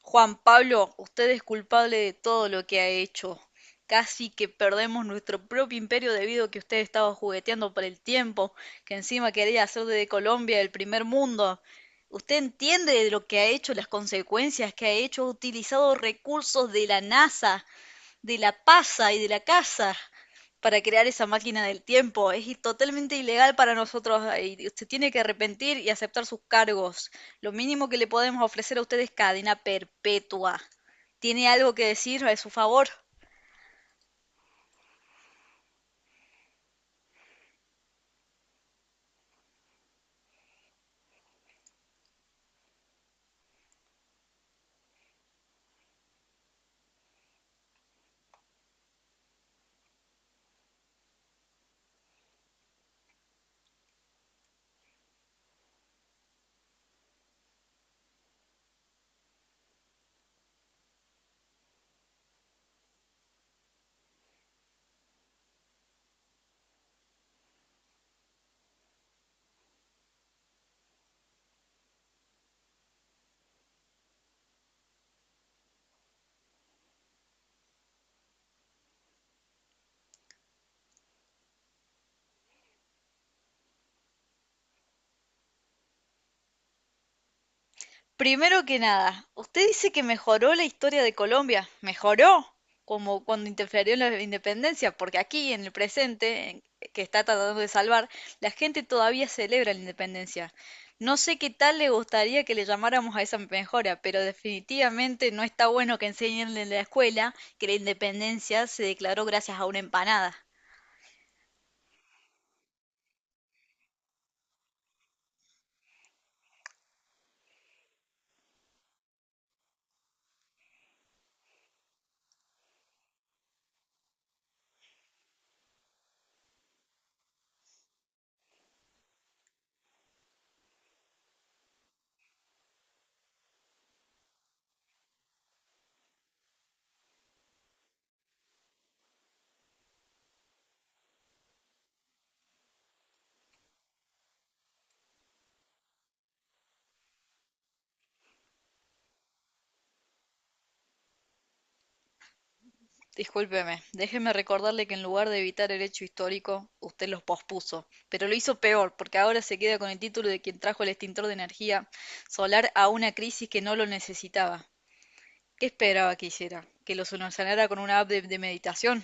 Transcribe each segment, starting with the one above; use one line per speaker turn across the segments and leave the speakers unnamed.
Juan Pablo, usted es culpable de todo lo que ha hecho. Casi que perdemos nuestro propio imperio debido a que usted estaba jugueteando por el tiempo, que encima quería hacer de Colombia el primer mundo. ¿Usted entiende de lo que ha hecho, las consecuencias que ha hecho? Ha utilizado recursos de la NASA de la pasa y de la casa para crear esa máquina del tiempo. Es totalmente ilegal para nosotros, y usted tiene que arrepentir y aceptar sus cargos. Lo mínimo que le podemos ofrecer a usted es cadena perpetua. ¿Tiene algo que decir a su favor? Primero que nada, usted dice que mejoró la historia de Colombia. ¿Mejoró? Como cuando interfirió en la independencia, porque aquí, en el presente, que está tratando de salvar, la gente todavía celebra la independencia. No sé qué tal le gustaría que le llamáramos a esa mejora, pero definitivamente no está bueno que enseñen en la escuela que la independencia se declaró gracias a una empanada. Discúlpeme, déjeme recordarle que en lugar de evitar el hecho histórico, usted lo pospuso, pero lo hizo peor, porque ahora se queda con el título de quien trajo el extintor de energía solar a una crisis que no lo necesitaba. ¿Qué esperaba que hiciera? ¿Que lo solucionara con una app de meditación?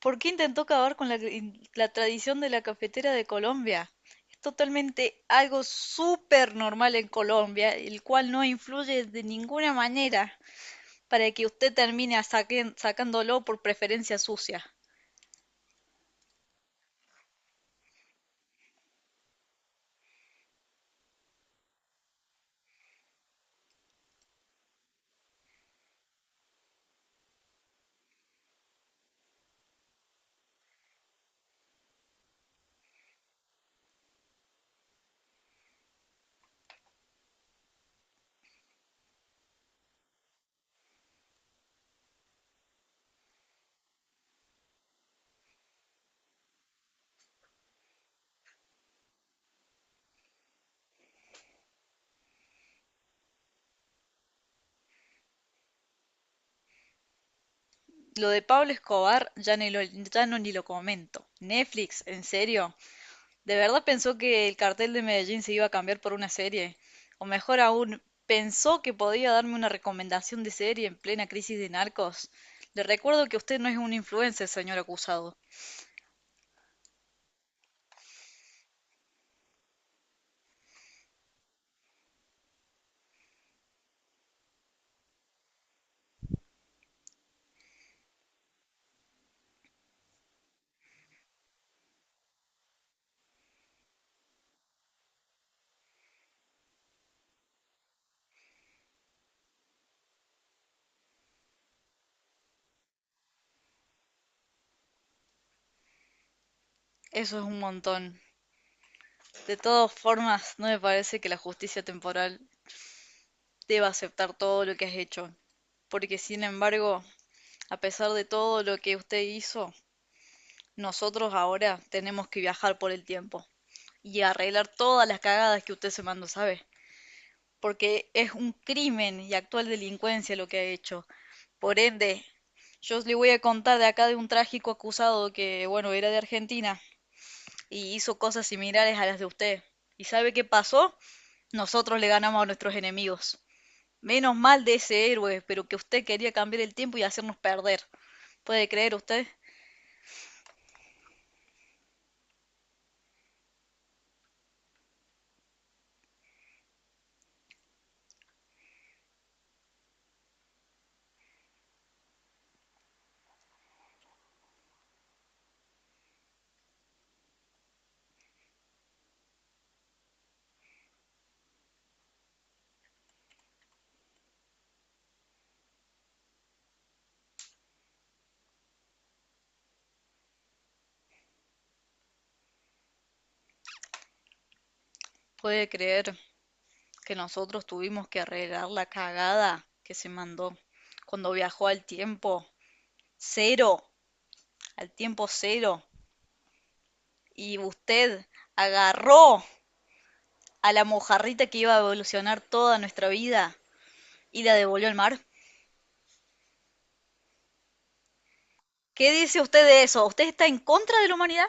¿Por qué intentó acabar con la tradición de la cafetera de Colombia? Es totalmente algo súper normal en Colombia, el cual no influye de ninguna manera para que usted termine sacándolo por preferencia sucia. Lo de Pablo Escobar ya no ni lo comento. Netflix, ¿en serio? ¿De verdad pensó que el cartel de Medellín se iba a cambiar por una serie? O mejor aún, ¿pensó que podía darme una recomendación de serie en plena crisis de narcos? Le recuerdo que usted no es un influencer, señor acusado. Eso es un montón. De todas formas, no me parece que la justicia temporal deba aceptar todo lo que has hecho. Porque, sin embargo, a pesar de todo lo que usted hizo, nosotros ahora tenemos que viajar por el tiempo y arreglar todas las cagadas que usted se mandó, ¿sabe? Porque es un crimen y actual delincuencia lo que ha hecho. Por ende, yo le voy a contar de acá de un trágico acusado que, bueno, era de Argentina y hizo cosas similares a las de usted. ¿Y sabe qué pasó? Nosotros le ganamos a nuestros enemigos. Menos mal de ese héroe, pero que usted quería cambiar el tiempo y hacernos perder. ¿Puede creer usted? ¿Puede creer que nosotros tuvimos que arreglar la cagada que se mandó cuando viajó cero, al tiempo cero, y usted agarró a la mojarrita que iba a evolucionar toda nuestra vida y la devolvió al mar? ¿Qué dice usted de eso? ¿Usted está en contra de la humanidad?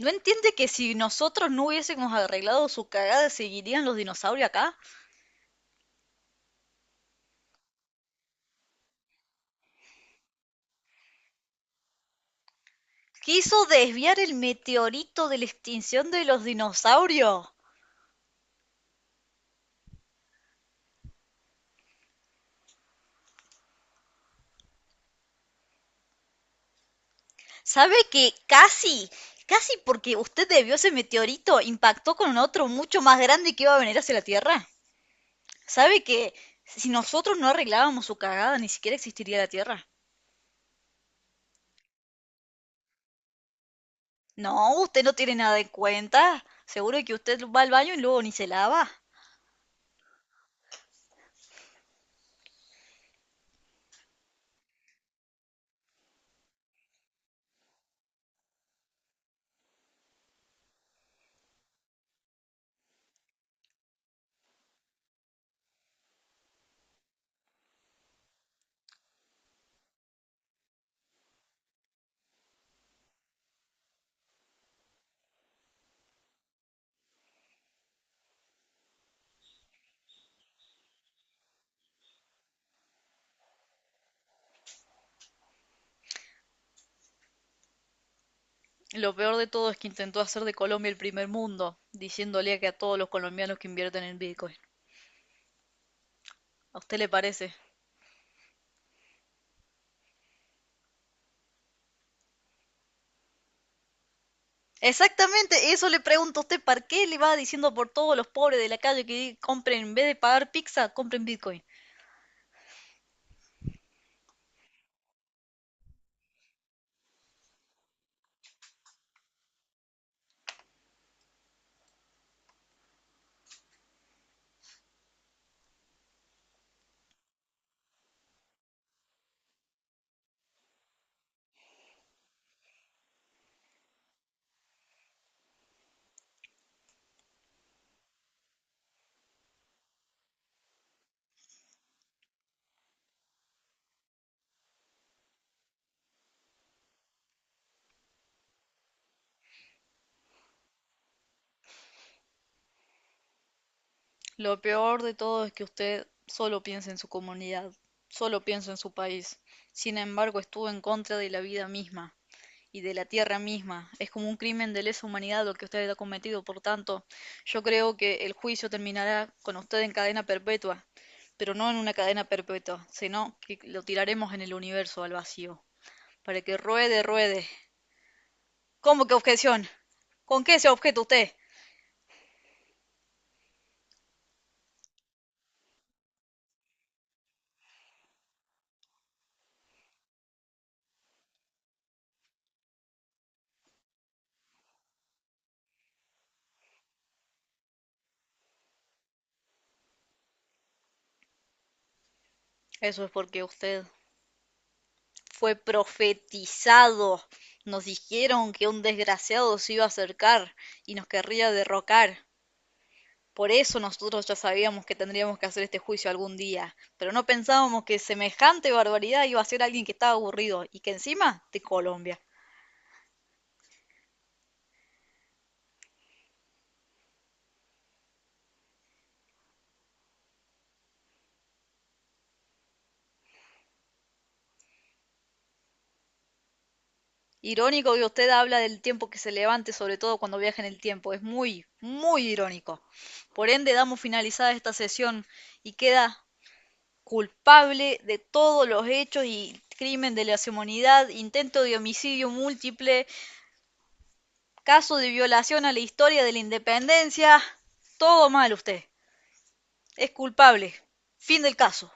¿No entiende que si nosotros no hubiésemos arreglado su cagada seguirían los dinosaurios acá? Quiso desviar el meteorito de la extinción de los dinosaurios. ¿Sabe que casi, casi porque usted debió ese meteorito, impactó con otro mucho más grande que iba a venir hacia la Tierra? ¿Sabe que si nosotros no arreglábamos su cagada, ni siquiera existiría la Tierra? No, usted no tiene nada en cuenta. Seguro que usted va al baño y luego ni se lava. Lo peor de todo es que intentó hacer de Colombia el primer mundo, diciéndole que a todos los colombianos que invierten en Bitcoin. ¿A usted le parece? Exactamente, eso le pregunto a usted, ¿para qué le va diciendo por todos los pobres de la calle que compren, en vez de pagar pizza, compren Bitcoin? Lo peor de todo es que usted solo piensa en su comunidad, solo piensa en su país. Sin embargo, estuvo en contra de la vida misma y de la tierra misma. Es como un crimen de lesa humanidad lo que usted ha cometido, por tanto, yo creo que el juicio terminará con usted en cadena perpetua, pero no en una cadena perpetua, sino que lo tiraremos en el universo al vacío, para que ruede, ruede. ¿Cómo que objeción? ¿Con qué se objeta usted? Eso es porque usted fue profetizado. Nos dijeron que un desgraciado se iba a acercar y nos querría derrocar. Por eso nosotros ya sabíamos que tendríamos que hacer este juicio algún día, pero no pensábamos que semejante barbaridad iba a ser alguien que estaba aburrido y que encima de Colombia. Irónico que usted habla del tiempo que se levante, sobre todo cuando viaja en el tiempo. Es muy, muy irónico. Por ende, damos finalizada esta sesión y queda culpable de todos los hechos y crimen de lesa humanidad, intento de homicidio múltiple, caso de violación a la historia de la independencia, todo mal usted. Es culpable. Fin del caso.